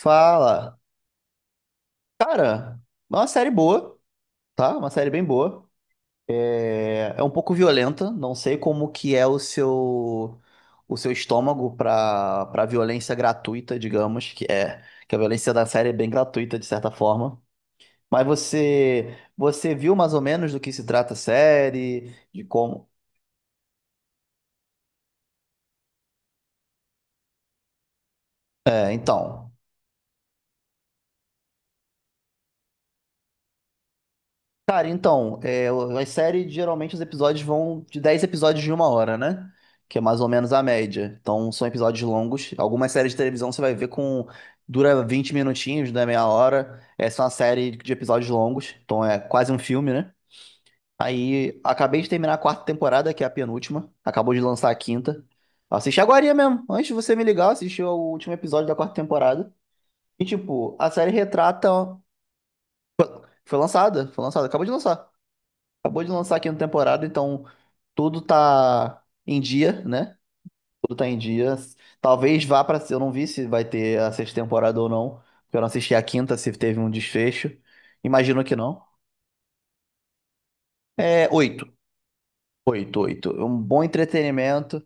Fala. Cara, é uma série boa, tá? Uma série bem boa. É um pouco violenta, não sei como que é o seu estômago pra para violência gratuita, digamos, que é que a violência da série é bem gratuita de certa forma. Mas você viu mais ou menos do que se trata a série, de como. É, então. Cara, então, é, as séries, geralmente os episódios vão de 10 episódios de uma hora, né? Que é mais ou menos a média. Então, são episódios longos. Algumas séries de televisão você vai ver com... Dura 20 minutinhos, né? Meia hora. Essa é uma série de episódios longos. Então, é quase um filme, né? Aí, acabei de terminar a quarta temporada, que é a penúltima. Acabou de lançar a quinta. Assisti agora mesmo. Antes de você me ligar, eu assisti o último episódio da quarta temporada. E, tipo, a série retrata... foi lançada, acabou de lançar. Acabou de lançar a quinta temporada, então tudo tá em dia, né? Tudo tá em dia. Talvez vá pra. Eu não vi se vai ter a sexta temporada ou não, porque eu não assisti a quinta, se teve um desfecho. Imagino que não. É oito. Oito, oito. Um bom entretenimento.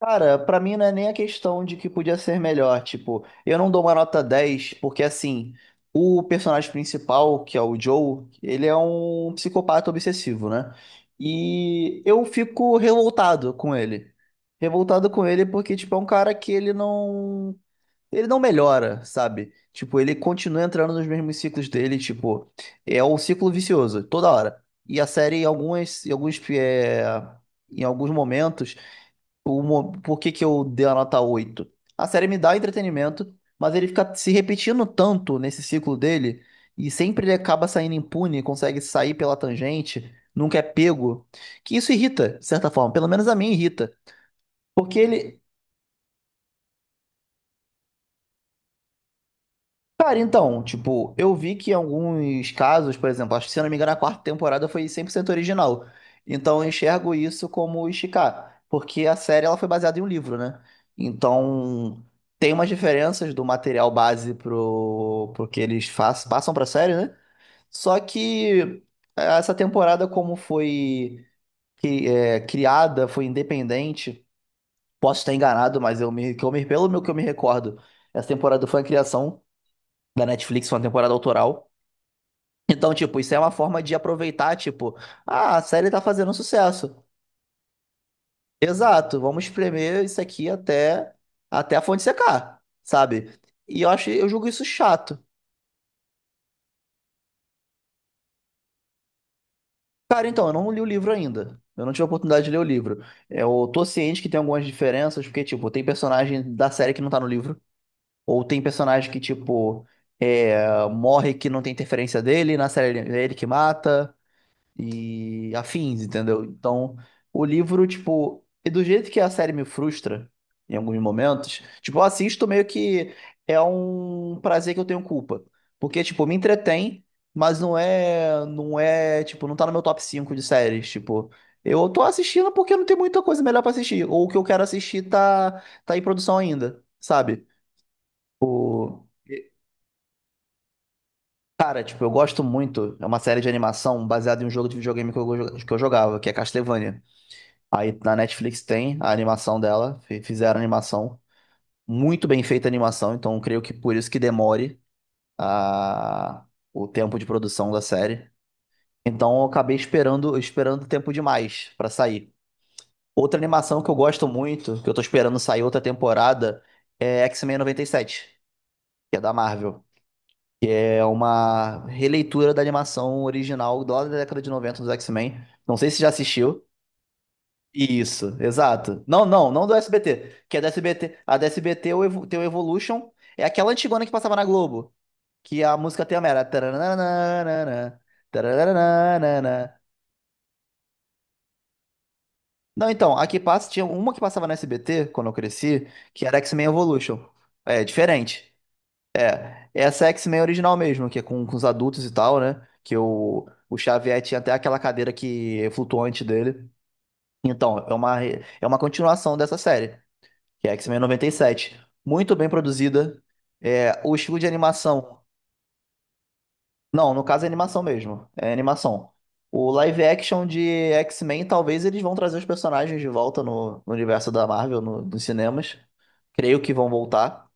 Cara, pra mim não é nem a questão de que podia ser melhor. Tipo, eu não dou uma nota 10 porque assim, o personagem principal, que é o Joe, ele é um psicopata obsessivo, né? E eu fico revoltado com ele. Revoltado com ele porque, tipo, é um cara que ele não. Ele não melhora, sabe? Tipo, ele continua entrando nos mesmos ciclos dele, tipo, é um ciclo vicioso, toda hora. E a série, em algumas, em alguns, é, em alguns momentos. O, por que que eu dei a nota 8? A série me dá entretenimento, mas ele fica se repetindo tanto nesse ciclo dele, e sempre ele acaba saindo impune, consegue sair pela tangente, nunca é pego, que isso irrita, de certa forma. Pelo menos a mim irrita. Porque ele. Cara, então, tipo, eu vi que em alguns casos, por exemplo, acho que se eu não me engano, a quarta temporada foi 100% original. Então eu enxergo isso como esticar, porque a série ela foi baseada em um livro, né? Então tem umas diferenças do material base pro que eles faz, passam pra série, né? Só que essa temporada, como foi criada, foi independente, posso estar enganado, mas eu me, que eu me, pelo meu que eu me recordo, essa temporada foi a criação da Netflix, foi uma temporada autoral. Então, tipo, isso é uma forma de aproveitar, tipo, ah, a série tá fazendo um sucesso. Exato, vamos espremer isso aqui até, até a fonte secar, sabe? E eu acho, eu julgo isso chato. Cara, então, eu não li o livro ainda. Eu não tive a oportunidade de ler o livro. Eu tô ciente que tem algumas diferenças, porque, tipo, tem personagem da série que não tá no livro, ou tem personagem que, tipo, é, morre que não tem interferência dele, na série ele é ele que mata. E afins, entendeu? Então, o livro, tipo, e do jeito que a série me frustra em alguns momentos, tipo, eu assisto meio que é um prazer que eu tenho culpa. Porque, tipo, me entretém, mas tipo, não tá no meu top 5 de séries, tipo. Eu tô assistindo porque não tem muita coisa melhor pra assistir. Ou o que eu quero assistir tá em produção ainda, sabe? O... Cara, tipo, eu gosto muito. É uma série de animação baseada em um jogo de videogame que que eu jogava, que é Castlevania. Aí na Netflix tem a animação dela, fizeram a animação, muito bem feita a animação, então creio que por isso que demore a... o tempo de produção da série. Então eu acabei esperando, esperando tempo demais pra sair. Outra animação que eu gosto muito, que eu tô esperando sair outra temporada, é X-Men 97, que é da Marvel. É uma releitura da animação original lá da década de 90 dos X-Men. Não sei se já assistiu. Isso, exato. Não, não, não do SBT. Que é da SBT. A da SBT, tem o Evolution. É aquela antigona que passava na Globo. Que a música tem a mera. Taranana, taranana. Não, então, a que passa, tinha uma que passava na SBT quando eu cresci, que era X-Men Evolution. É diferente. Essa é X-Men original mesmo, que é com os adultos e tal, né? Que o Xavier tinha até aquela cadeira que é flutuante dele. Então, é uma, é uma continuação dessa série, que é X-Men noventa e sete. Muito bem produzida. É, o estilo de animação. Não, no caso é animação mesmo. É animação. O live action de X-Men, talvez eles vão trazer os personagens de volta no universo da Marvel, nos cinemas. Creio que vão voltar.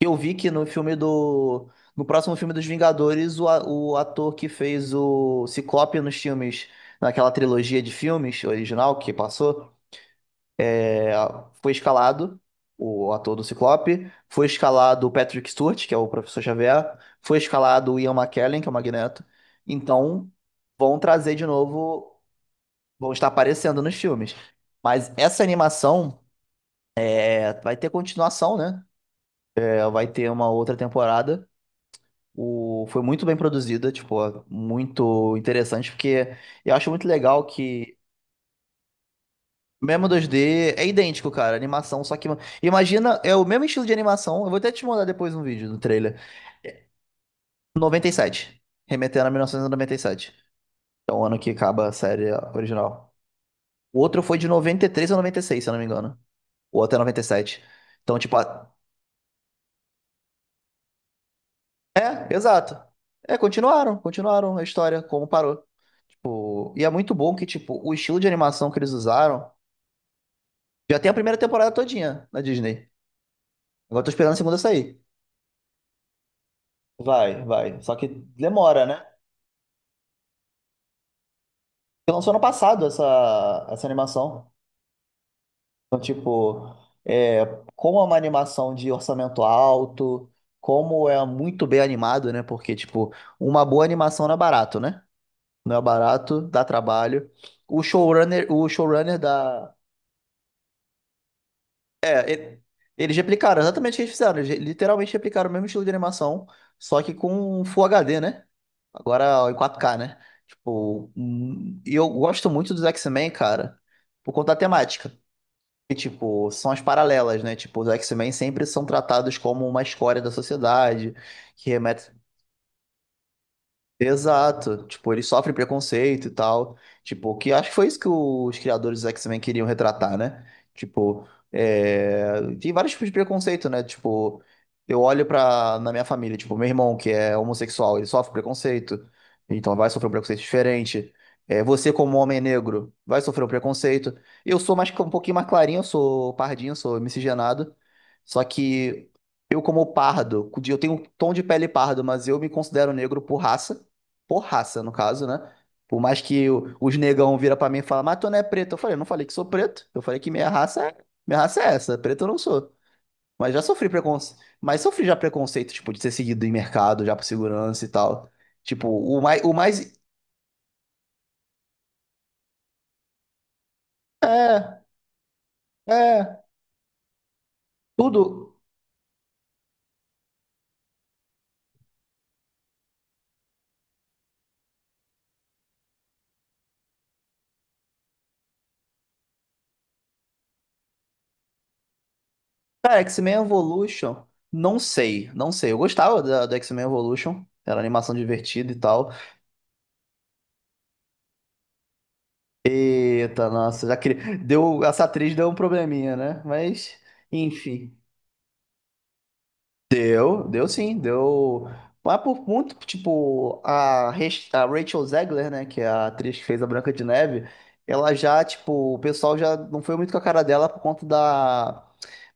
Eu vi que no filme do. No próximo filme dos Vingadores, o ator que fez o Ciclope nos filmes, naquela trilogia de filmes original que passou. É. Foi escalado o ator do Ciclope, foi escalado o Patrick Stewart, que é o Professor Xavier, foi escalado o Ian McKellen, que é o Magneto. Então, vão trazer de novo, vão estar aparecendo nos filmes. Mas essa animação é, vai ter continuação, né? É, vai ter uma outra temporada. O, foi muito bem produzida, tipo, muito interessante, porque eu acho muito legal que. Mesmo dois d é idêntico, cara, a animação, só que imagina, é o mesmo estilo de animação, eu vou até te mandar depois um vídeo do trailer. É, noventa e sete, remetendo a mil novecentos e noventa e sete. É o ano que acaba a série original. O outro foi de 93 a 96, se eu não me engano. Ou até 97. Então, tipo, é, exato. É, continuaram, continuaram a história como parou. Tipo, e é muito bom que, tipo, o estilo de animação que eles usaram já tem a primeira temporada todinha na Disney. Agora eu tô esperando a segunda sair. Vai, vai. Só que demora, né? Porque lançou ano passado essa, essa animação. Então, tipo, é, como é uma animação de orçamento alto, como é muito bem animado, né? Porque, tipo, uma boa animação não é barato, né? Não é barato, dá trabalho. O showrunner da. É, eles replicaram exatamente o que eles fizeram. Eles literalmente replicaram o mesmo estilo de animação, só que com Full HD, né? Agora em 4K, né? Tipo, e eu gosto muito dos X-Men, cara, por conta da temática. E, tipo, são as paralelas, né? Tipo, os X-Men sempre são tratados como uma escória da sociedade, que remete. Exato. Tipo, ele sofre preconceito e tal. Tipo, que acho que foi isso que os criadores do X-Men queriam retratar, né? Tipo, é, tem vários tipos de preconceito, né? Tipo, eu olho pra... na minha família, tipo, meu irmão que é homossexual, ele sofre preconceito. Então vai sofrer um preconceito diferente. É, você como homem negro vai sofrer um preconceito. Eu sou mais um pouquinho mais clarinho, eu sou pardinho, sou miscigenado. Só que eu como pardo, eu tenho um tom de pele pardo, mas eu me considero negro por raça porraça, no caso, né? Por mais que os negão vira pra mim e fala, mas tu não é preto. Eu falei, eu não falei que sou preto. Eu falei que minha raça é essa, preto eu não sou. Mas já sofri preconceito. Mas sofri já preconceito, tipo, de ser seguido em mercado, já por segurança e tal. Tipo, o mais. É, é. Tudo. Cara, X-Men Evolution. Não sei, não sei. Eu gostava da, do X-Men Evolution. Era animação divertida e tal. Eita, nossa, já queria. Deu, essa atriz deu um probleminha, né? Mas, enfim. Deu, deu sim, deu. Mas por muito, tipo, a Rachel Zegler, né, que é a atriz que fez a Branca de Neve, ela já, tipo, o pessoal já não foi muito com a cara dela por conta da,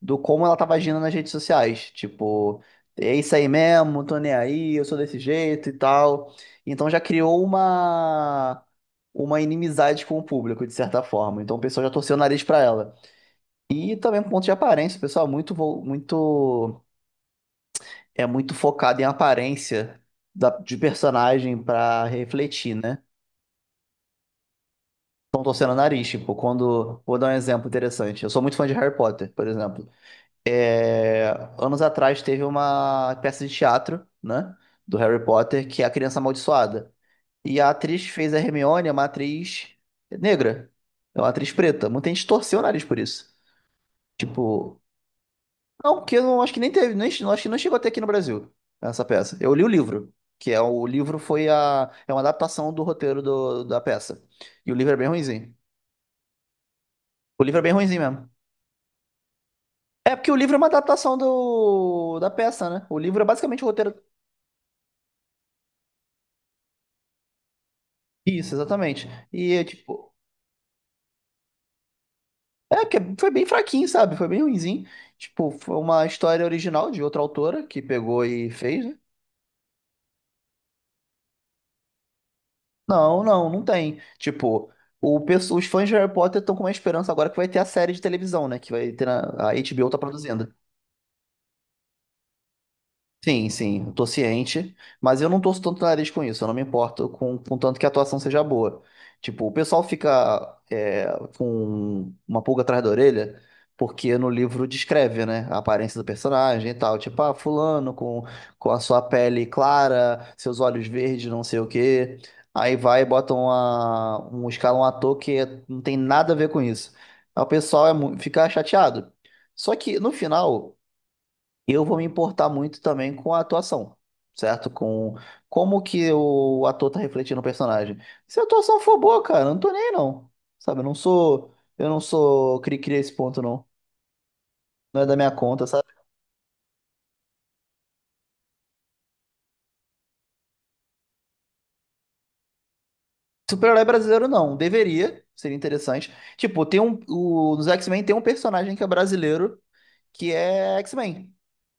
do como ela tava agindo nas redes sociais. Tipo, é isso aí mesmo, tô nem aí, eu sou desse jeito e tal. Então já criou uma inimizade com o público, de certa forma. Então o pessoal já torceu o nariz pra ela. E também por conta de aparência, o pessoal é muito, muito é muito focado em aparência de personagem pra refletir, né? Estão torcendo o nariz, tipo, quando. Vou dar um exemplo interessante. Eu sou muito fã de Harry Potter, por exemplo. É, anos atrás teve uma peça de teatro, né? Do Harry Potter, que é A Criança Amaldiçoada. E a atriz que fez a Hermione, é uma atriz negra. É uma atriz preta. Muita gente torceu o nariz por isso. Tipo. Não, porque eu não acho que nem teve, nem, acho que não chegou até aqui no Brasil, essa peça. Eu li o livro, que é o livro foi a, é uma adaptação do roteiro da peça. E o livro é bem ruinzinho. O livro é bem ruinzinho mesmo. É porque o livro é uma adaptação da peça, né? O livro é basicamente o roteiro. Isso, exatamente. E, é, tipo, é que foi bem fraquinho, sabe? Foi bem ruinzinho. Tipo, foi uma história original de outra autora que pegou e fez, né? Não, não, não tem. Tipo, os fãs de Harry Potter estão com uma esperança agora que vai ter a série de televisão, né? Que vai ter na, a HBO tá produzindo. Sim, sim, eu tô ciente, mas eu não torço tanto o nariz com isso, eu não me importo com tanto que a atuação seja boa. Tipo, o pessoal fica é, com uma pulga atrás da orelha, porque no livro descreve, né, a aparência do personagem e tal. Tipo, ah, fulano com a sua pele clara, seus olhos verdes, não sei o quê. Aí vai e bota um ator que é, não tem nada a ver com isso. Aí o pessoal fica chateado. Só que no final. Eu vou me importar muito também com a atuação, certo? Com como que o ator tá refletindo o personagem. Se a atuação for boa, cara, eu não tô nem aí, não. Sabe, eu não sou cri-cri a esse ponto, não. Não é da minha conta, sabe? Super-herói brasileiro, não. Deveria, seria interessante. Tipo, nos X-Men tem um personagem que é brasileiro, que é X-Men,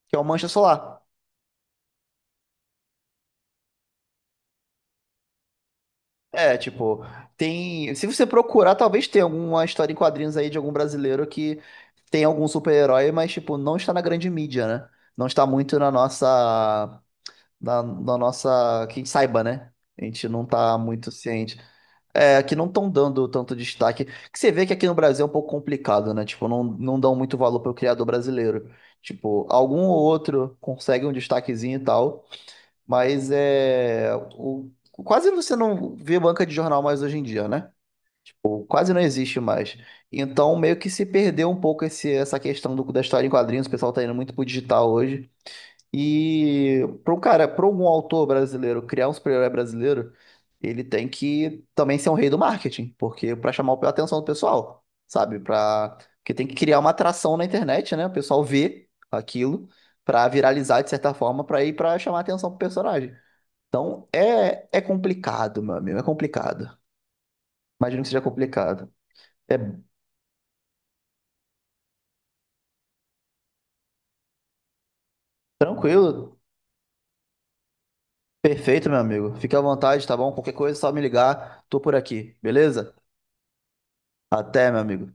que é o Mancha Solar. É, tipo, tem. Se você procurar, talvez tenha alguma história em quadrinhos aí de algum brasileiro que tem algum super-herói, mas, tipo, não está na grande mídia, né? Não está muito na nossa. Na nossa. Quem saiba, né? A gente não tá muito ciente. É, que não estão dando tanto destaque. Que você vê que aqui no Brasil é um pouco complicado, né? Tipo, não, não dão muito valor pro criador brasileiro. Tipo, algum ou outro consegue um destaquezinho e tal. Mas é. O, quase você não vê banca de jornal mais hoje em dia, né? Quase não existe mais. Então, meio que se perdeu um pouco essa questão da história em quadrinhos. O pessoal tá indo muito pro digital hoje. E para um cara, para algum autor brasileiro criar um super-herói brasileiro, ele tem que também ser um rei do marketing, porque para chamar a atenção do pessoal, sabe? Para porque tem que criar uma atração na internet, né? O pessoal vê aquilo para viralizar de certa forma, para chamar a atenção pro personagem. Então é, é complicado, meu amigo, é complicado. Imagino que seja complicado. É tranquilo, perfeito, meu amigo. Fique à vontade, tá bom? Qualquer coisa é só me ligar, tô por aqui, beleza? Até, meu amigo.